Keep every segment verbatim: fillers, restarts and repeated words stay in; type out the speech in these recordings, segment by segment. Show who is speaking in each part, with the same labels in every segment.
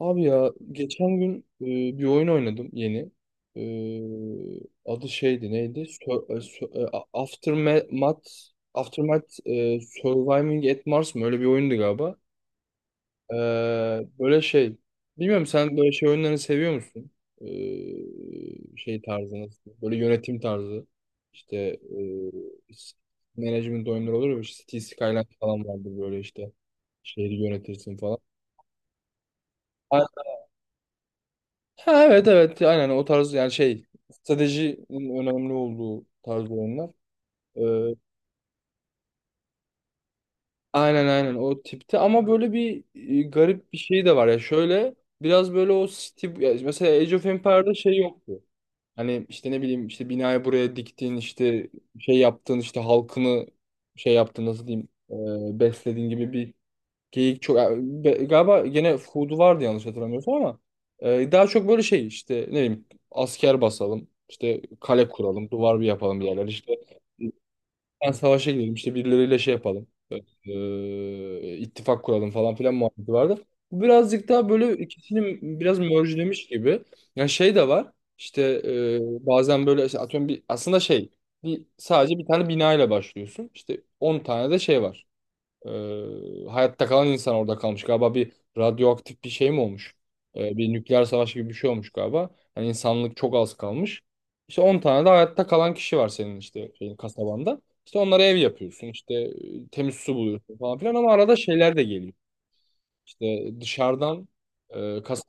Speaker 1: Abi ya geçen gün e, bir oyun oynadım yeni. E, Adı şeydi neydi? Sö- e, sö- e, A- Aftermath, Aftermath e, Surviving at Mars mı? Öyle bir oyundu galiba. E, Böyle şey. Bilmiyorum sen böyle şey oyunlarını seviyor musun? E, şey tarzı nasıl? Böyle yönetim tarzı. İşte e, s- management oyunları olur ya. İşte City Skyline falan vardı böyle işte. Şehri yönetirsin falan. Ha, evet evet aynen o tarz yani şey stratejinin önemli olduğu tarz oyunlar. Ee, aynen aynen o tipte ama böyle bir e, garip bir şey de var ya şöyle biraz böyle o stil ya mesela Age of Empire'da şey yoktu. Hani işte ne bileyim işte binayı buraya diktin işte şey yaptın işte halkını şey yaptın nasıl diyeyim e, beslediğin gibi bir Geyik çok be- galiba gene Food'u vardı yanlış hatırlamıyorsam ama e, daha çok böyle şey işte ne bileyim asker basalım işte kale kuralım duvar bir yapalım bir yerler işte ben savaşa gidelim işte birileriyle şey yapalım e, ittifak kuralım falan filan muhabbeti vardı. Bu birazcık daha böyle ikisini biraz merge'lemiş gibi. Yani şey de var işte e, bazen böyle işte atıyorum bir aslında şey bir, sadece bir tane bina ile başlıyorsun işte on tane de şey var. Ee, hayatta kalan insan orada kalmış. Galiba bir radyoaktif bir şey mi olmuş? Ee, bir nükleer savaş gibi bir şey olmuş galiba. Yani insanlık çok az kalmış. İşte on tane de hayatta kalan kişi var senin işte şeyin, kasabanda. İşte onlara ev yapıyorsun. İşte e, temiz su buluyorsun falan filan ama arada şeyler de geliyor. İşte dışarıdan e, kas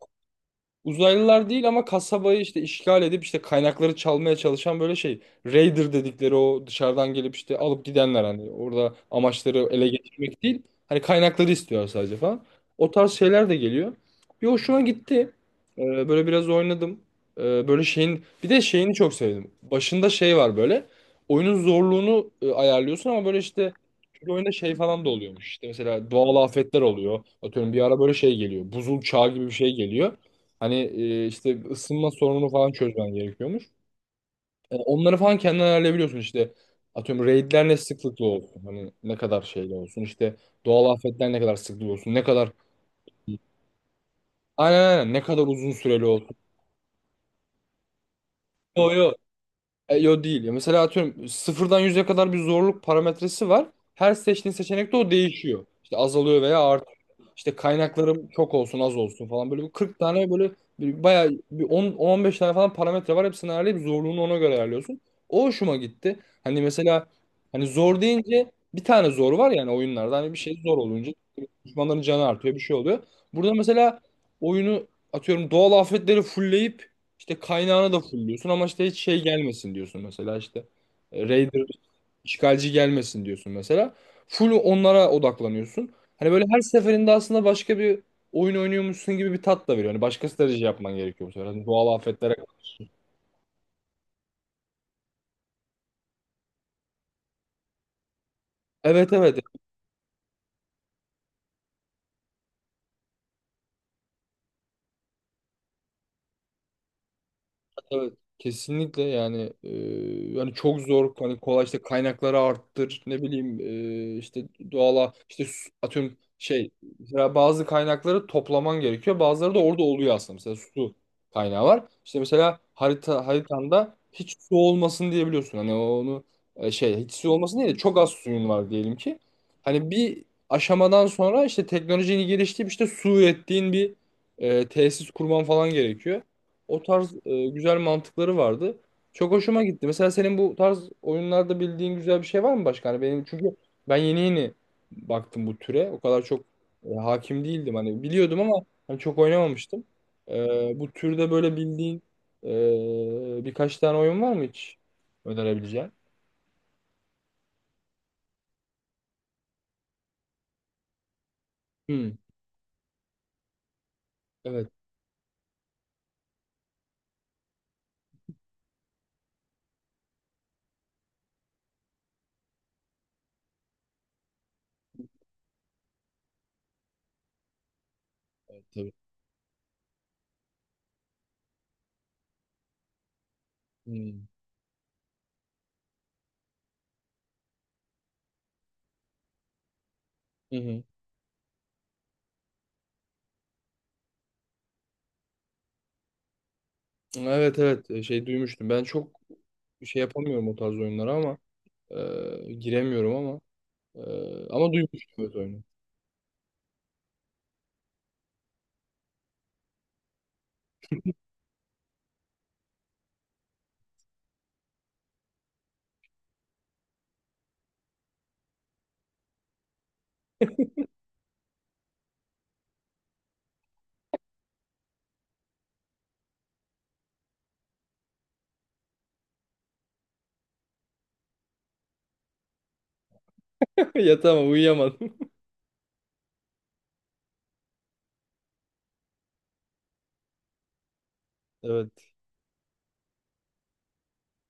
Speaker 1: Uzaylılar değil ama kasabayı işte işgal edip işte kaynakları çalmaya çalışan böyle şey. Raider dedikleri o dışarıdan gelip işte alıp gidenler hani orada amaçları ele geçirmek değil. Hani kaynakları istiyor sadece falan. O tarz şeyler de geliyor. Bir hoşuma gitti. Ee, böyle biraz oynadım. Ee, böyle şeyin bir de şeyini çok sevdim. Başında şey var böyle. Oyunun zorluğunu e, ayarlıyorsun ama böyle işte bir oyunda şey falan da oluyormuş. İşte mesela doğal afetler oluyor. Atıyorum bir ara böyle şey geliyor. Buzul çağı gibi bir şey geliyor. Hani e, işte ısınma sorununu falan çözmen gerekiyormuş. E, onları falan kendin ayarlayabiliyorsun işte. Atıyorum raidler ne sıklıkla olsun. Hani ne kadar şeyle olsun. İşte doğal afetler ne kadar sıklıkla olsun. Ne kadar aynen aynen ne kadar uzun süreli olsun. Yo yo. E, yo değil. Ya mesela atıyorum sıfırdan yüze kadar bir zorluk parametresi var. Her seçtiğin seçenekte o değişiyor. İşte azalıyor veya artıyor. İşte kaynaklarım çok olsun az olsun falan böyle bir kırk tane böyle bir, bayağı bir on on beş tane falan parametre var. Hepsini ayarlayıp zorluğunu ona göre ayarlıyorsun. O hoşuma gitti. Hani mesela hani zor deyince bir tane zor var yani oyunlarda. Hani bir şey zor olunca düşmanların canı artıyor bir şey oluyor. Burada mesela oyunu atıyorum doğal afetleri fullleyip işte kaynağını da fullliyorsun ama işte hiç şey gelmesin diyorsun mesela işte. E, Raider İşgalci gelmesin diyorsun mesela. Full onlara odaklanıyorsun. Hani böyle her seferinde aslında başka bir oyun oynuyormuşsun gibi bir tat da veriyor. Hani başka strateji yapman gerekiyor bu sefer. Hani doğal afetlere karşı. Evet evet. Evet, kesinlikle yani e, yani çok zor hani kolay işte kaynakları arttır ne bileyim e, işte doğala işte su- atıyorum şey mesela bazı kaynakları toplaman gerekiyor bazıları da orada oluyor aslında mesela su kaynağı var işte mesela harita haritanda hiç su olmasın diyebiliyorsun hani onu e, şey hiç su olmasın değil de çok az suyun var diyelim ki hani bir aşamadan sonra işte teknolojinin geliştirip işte su ürettiğin bir e, tesis kurman falan gerekiyor. O tarz e, güzel mantıkları vardı. Çok hoşuma gitti. Mesela senin bu tarz oyunlarda bildiğin güzel bir şey var mı başka? Hani benim çünkü ben yeni yeni baktım bu türe. O kadar çok e, hakim değildim. Hani biliyordum ama hani çok oynamamıştım. E, bu türde böyle bildiğin e, birkaç tane oyun var mı hiç önerebileceğin? Hmm, evet tabii. Hmm. Hı hı. Evet evet e, şey duymuştum. Ben çok şey yapamıyorum o tarz oyunlara ama e, giremiyorum ama. Ee, ama duymuştum evet oyunu. Ya tamam uyuyamadım. Evet.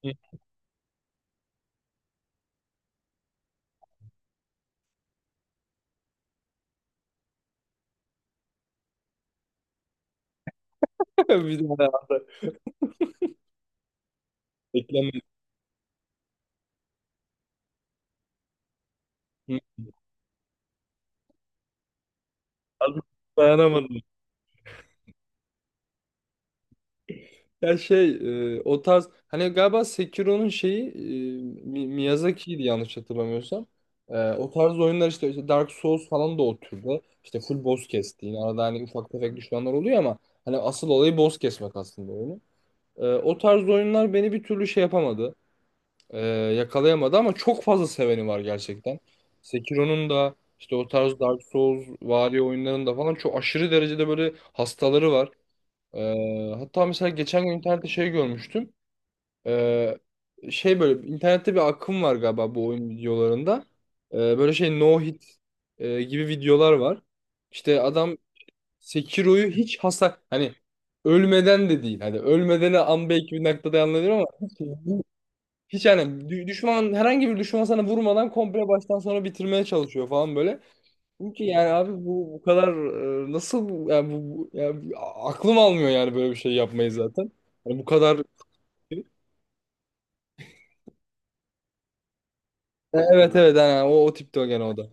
Speaker 1: Bir daha. Beklenmedim. Artık dayanamadım. Ya şey e, o tarz hani galiba Sekiro'nun şeyi e, Mi- Miyazaki'ydi yanlış hatırlamıyorsam. E, o tarz oyunlar işte, işte Dark Souls falan da o türde. İşte full boss kestiğin arada hani ufak tefek düşmanlar oluyor ama hani asıl olayı boss kesmek aslında oyunu. E, o tarz oyunlar beni bir türlü şey yapamadı. Ee, Yakalayamadı ama çok fazla seveni var gerçekten. Sekiro'nun da işte o tarz Dark Souls vari oyunların da falan çok aşırı derecede böyle hastaları var. Ee, hatta mesela geçen gün internette şey görmüştüm. Ee, Şey böyle internette bir akım var galiba bu oyun videolarında. Ee, böyle şey no hit e, gibi videolar var. İşte adam Sekiro'yu hiç hasar hani ölmeden de değil. Hani ölmeden an belki bir noktada anlıyorum ama Hiç yani dü- düşman herhangi bir düşman sana vurmadan komple baştan sona bitirmeye çalışıyor falan böyle. Çünkü ki yani abi bu bu kadar e, nasıl bu- yani bu bu- yani bu- a- aklım almıyor yani böyle bir şey yapmayı zaten. Yani bu kadar. E, evet evet yani o o tipte o gene o da.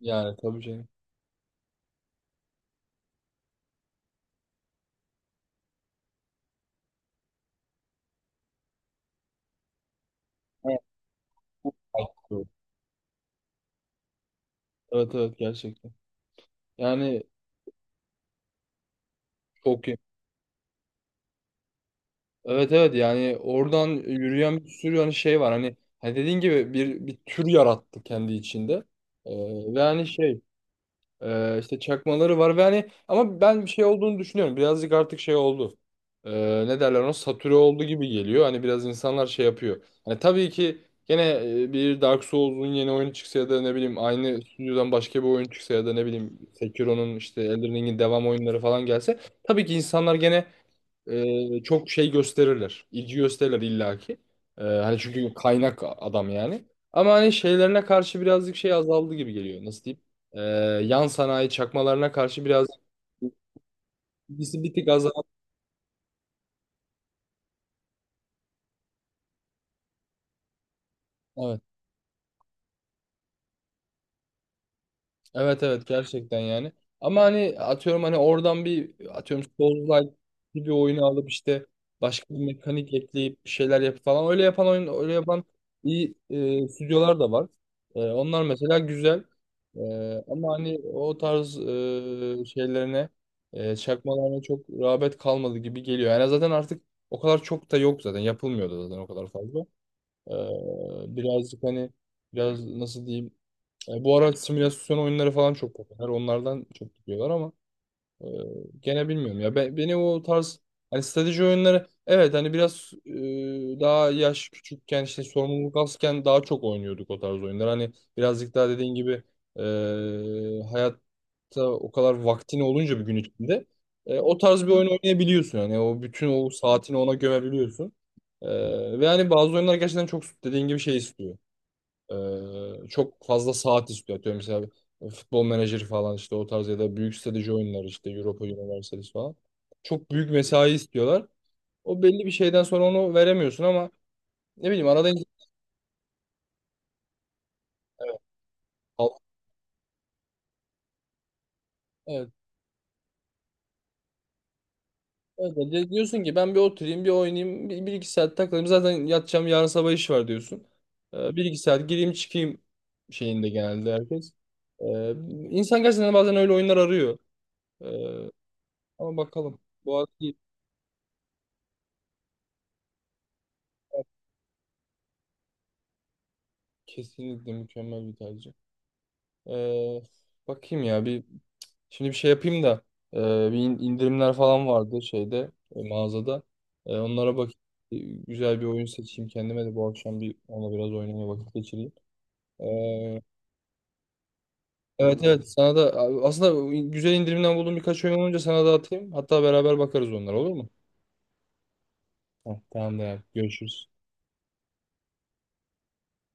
Speaker 1: Yani tabii canım. Evet evet evet, gerçekten. Yani çok iyi. Evet evet yani oradan yürüyen bir sürü hani şey var hani hani dediğin gibi bir bir tür yarattı kendi içinde. Ee, ve hani şey. Ee, işte çakmaları var ve hani ama ben bir şey olduğunu düşünüyorum. Birazcık artık şey oldu. Ee, ne derler ona satüre oldu gibi geliyor. Hani biraz insanlar şey yapıyor. Hani tabii ki gene e, bir Dark Souls'un yeni oyunu çıksa ya da ne bileyim aynı stüdyodan başka bir oyun çıksa ya da ne bileyim Sekiro'nun işte Elden Ring'in devam oyunları falan gelse tabii ki insanlar gene e, çok şey gösterirler. İlgi gösterirler illaki. E, hani çünkü kaynak adam yani. Ama hani şeylerine karşı birazcık şey azaldı gibi geliyor. Nasıl diyeyim? E, Yan sanayi çakmalarına karşı birazcık ilgisi bir tık azaldı. Evet. Evet evet gerçekten yani. Ama hani atıyorum hani oradan bir atıyorum Souls-like bir oyunu alıp işte başka bir mekanik ekleyip bir şeyler yapıp falan öyle yapan oyun öyle yapan iyi e, stüdyolar da var. E, onlar mesela güzel. E, Ama hani o tarz e, şeylerine e, çakmalarına çok rağbet kalmadı gibi geliyor. Yani zaten artık o kadar çok da yok zaten yapılmıyordu zaten o kadar fazla. E, birazcık hani biraz nasıl diyeyim e, bu ara simülasyon oyunları falan çok popüler. Onlardan çok gidiyorlar ama e, gene bilmiyorum ya. Be- beni o tarz hani strateji oyunları evet hani biraz e, daha yaş küçükken işte sorumluluk azken daha çok oynuyorduk o tarz oyunlar. Hani birazcık daha dediğin gibi e, hayatta o kadar vaktin olunca bir gün içinde e, o tarz bir oyun oynayabiliyorsun. Hani o bütün o saatini ona gömebiliyorsun. E, ve hani bazı oyunlar gerçekten çok dediğin gibi şey istiyor. Ee, çok fazla saat istiyor. Atıyorum mesela futbol menajeri falan işte o tarz ya da büyük strateji oyunları işte Europa Universalis falan. Çok büyük mesai istiyorlar. O belli bir şeyden sonra onu veremiyorsun ama ne bileyim arada evet. al- Evet. Evet. De- Diyorsun ki ben bir oturayım bir oynayayım bir, bir iki saat takılayım zaten yatacağım yarın sabah iş var diyorsun. Ee, bir iki saat gireyim çıkayım şeyinde genelde herkes. Ee, insan gerçekten bazen öyle oyunlar arıyor. Ee, Ama bakalım. Bu arada. Kesinlikle mükemmel bir tercih. Ee, Bakayım ya bir şimdi bir şey yapayım da ee, bir in- indirimler falan vardı şeyde e, mağazada. Ee, onlara bak e, güzel bir oyun seçeyim kendime de bu akşam bir ona biraz oynamaya vakit geçireyim. Ee, evet evet sana da aslında güzel indirimden bulduğum birkaç oyun olunca sana da atayım. Hatta beraber bakarız onlara olur mu? Heh, tamam da görüşürüz.